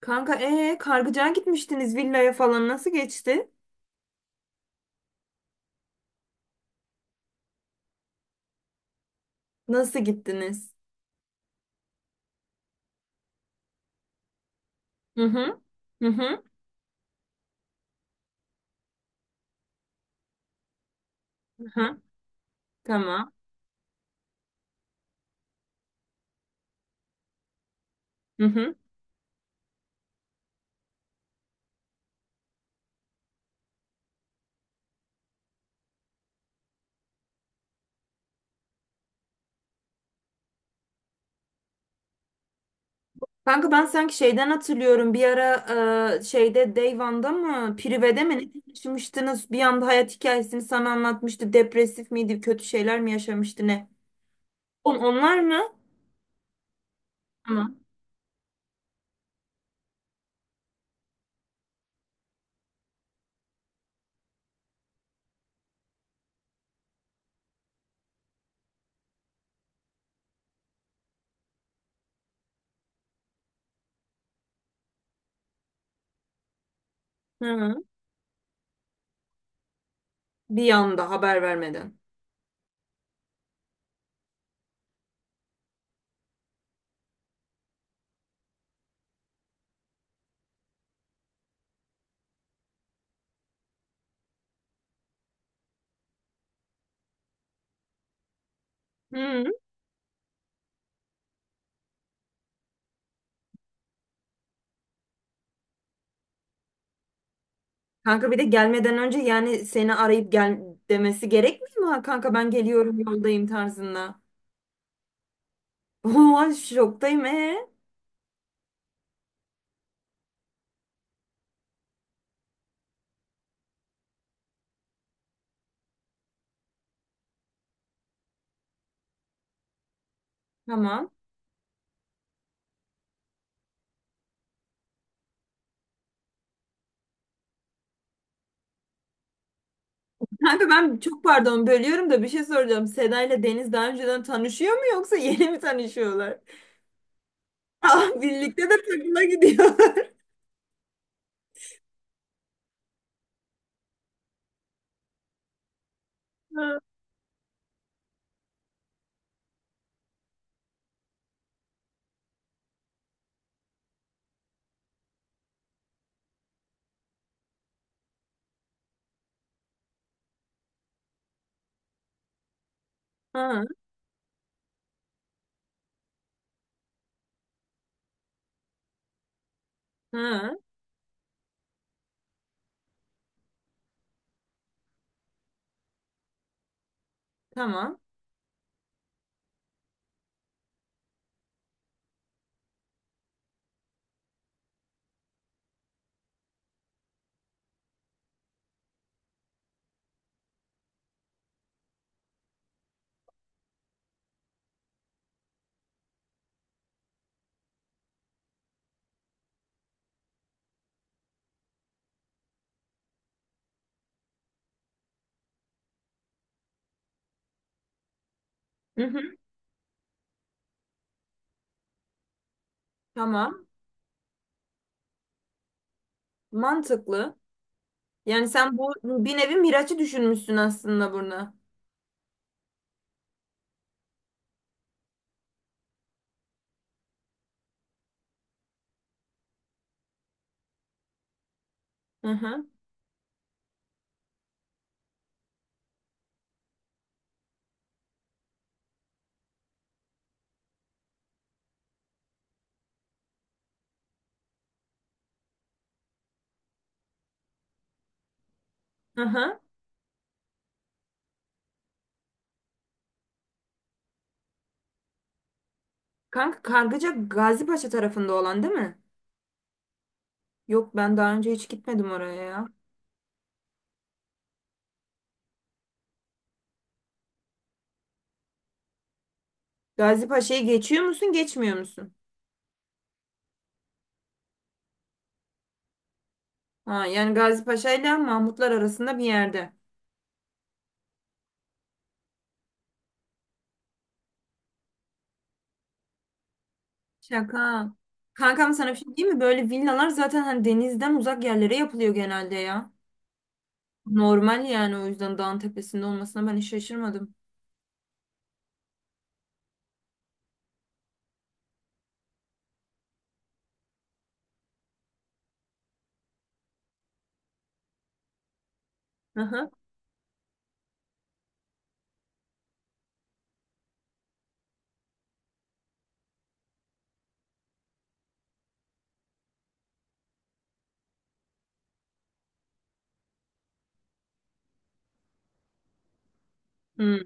Kanka Kargıcağa gitmiştiniz, villaya falan, nasıl geçti? Nasıl gittiniz? Hı hı. Hı hı. Hı hı. Tamam. Hı hı. Kanka ben sanki şeyden hatırlıyorum. Bir ara şeyde Deyvan'da mı? Prive'de mi? Ne yaşamıştınız? Bir anda hayat hikayesini sana anlatmıştı. Depresif miydi? Kötü şeyler mi yaşamıştı ne? Onlar mı? Tamam. Hı hı. Bir anda haber vermeden. Hı. Kanka bir de gelmeden önce yani seni arayıp gel demesi gerekmiyor mu? Ha, kanka ben geliyorum, yoldayım tarzında. Oha, şoktayım. Tamam. Kanka ben çok pardon, bölüyorum da bir şey soracağım. Seda ile Deniz daha önceden tanışıyor mu, yoksa yeni mi tanışıyorlar? Ah, birlikte de takıla gidiyorlar. Ha, ha, ha, tamam. Hı hı, tamam. Mantıklı. Yani sen bu bir nevi Miraç'ı düşünmüşsün aslında burada. Hı hı, hı hı. Kanka Kargıca Gazipaşa tarafında olan değil mi? Yok, ben daha önce hiç gitmedim oraya ya. Gazipaşa'yı geçiyor musun, geçmiyor musun? Ha, yani Gazi Paşa ile Mahmutlar arasında bir yerde. Şaka. Kankam, sana bir şey diyeyim mi? Böyle villalar zaten hani denizden uzak yerlere yapılıyor genelde ya. Normal yani, o yüzden dağın tepesinde olmasına ben hiç şaşırmadım. Aha. Hmm.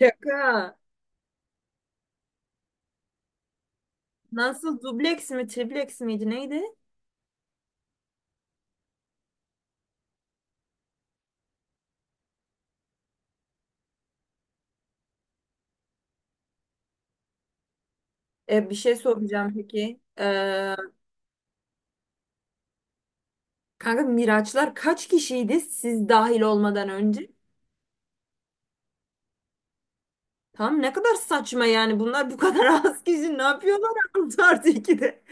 Şaka. Nasıl, dubleks mi tripleks miydi neydi? E, bir şey soracağım peki. Kanka Miraçlar kaç kişiydi, siz dahil olmadan önce? Tamam, ne kadar saçma yani, bunlar bu kadar az kişi ne yapıyorlar 6 artı 2'de?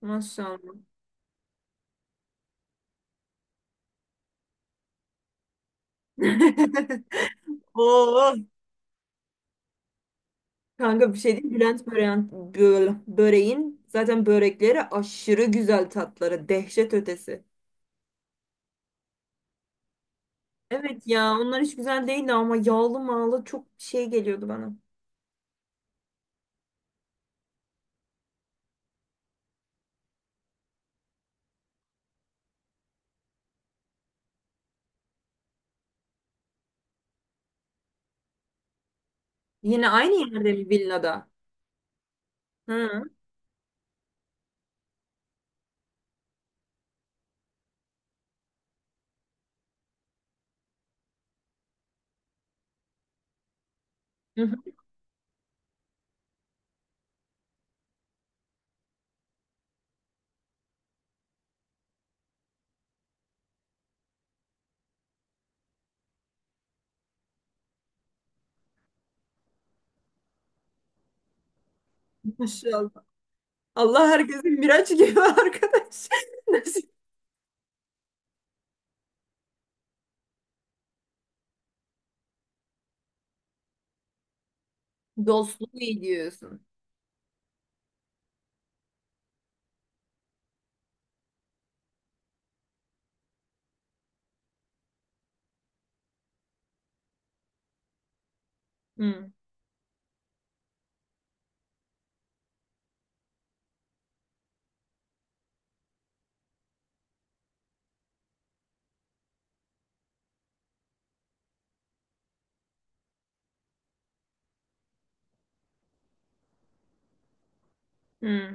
Maşallah. Oo. Kanka bir şey değil. Bülent Böreğin zaten börekleri aşırı güzel, tatları dehşet ötesi. Evet ya, onlar hiç güzel değildi ama yağlı mağlı çok şey geliyordu bana. Yine aynı yerde mi, villada? Hı. Maşallah. Allah herkesin Miraç gibi arkadaş. Nasip. Dostluğu iyi diyorsun. Hı. Hı.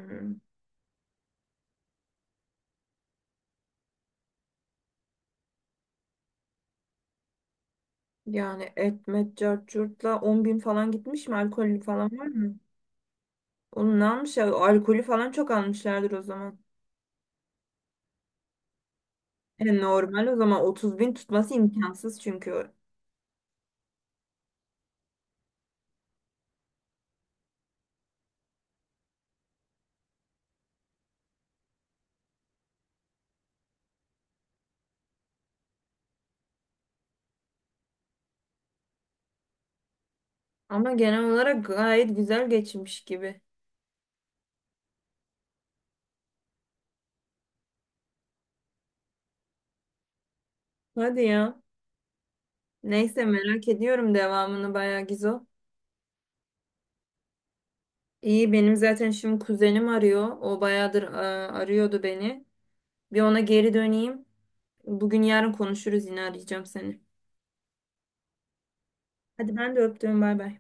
Yani etmet cart curtla 10 bin falan gitmiş mi? Alkol falan var mı? Onu ne almış ya? Alkolü falan çok almışlardır o zaman. Yani normal, o zaman 30 bin tutması imkansız çünkü. Ama genel olarak gayet güzel geçmiş gibi. Hadi ya. Neyse, merak ediyorum devamını bayağı, Gizo. İyi, benim zaten şimdi kuzenim arıyor. O bayağıdır arıyordu beni. Bir ona geri döneyim. Bugün yarın konuşuruz, yine arayacağım seni. Hadi, ben de öptüm, bay bay.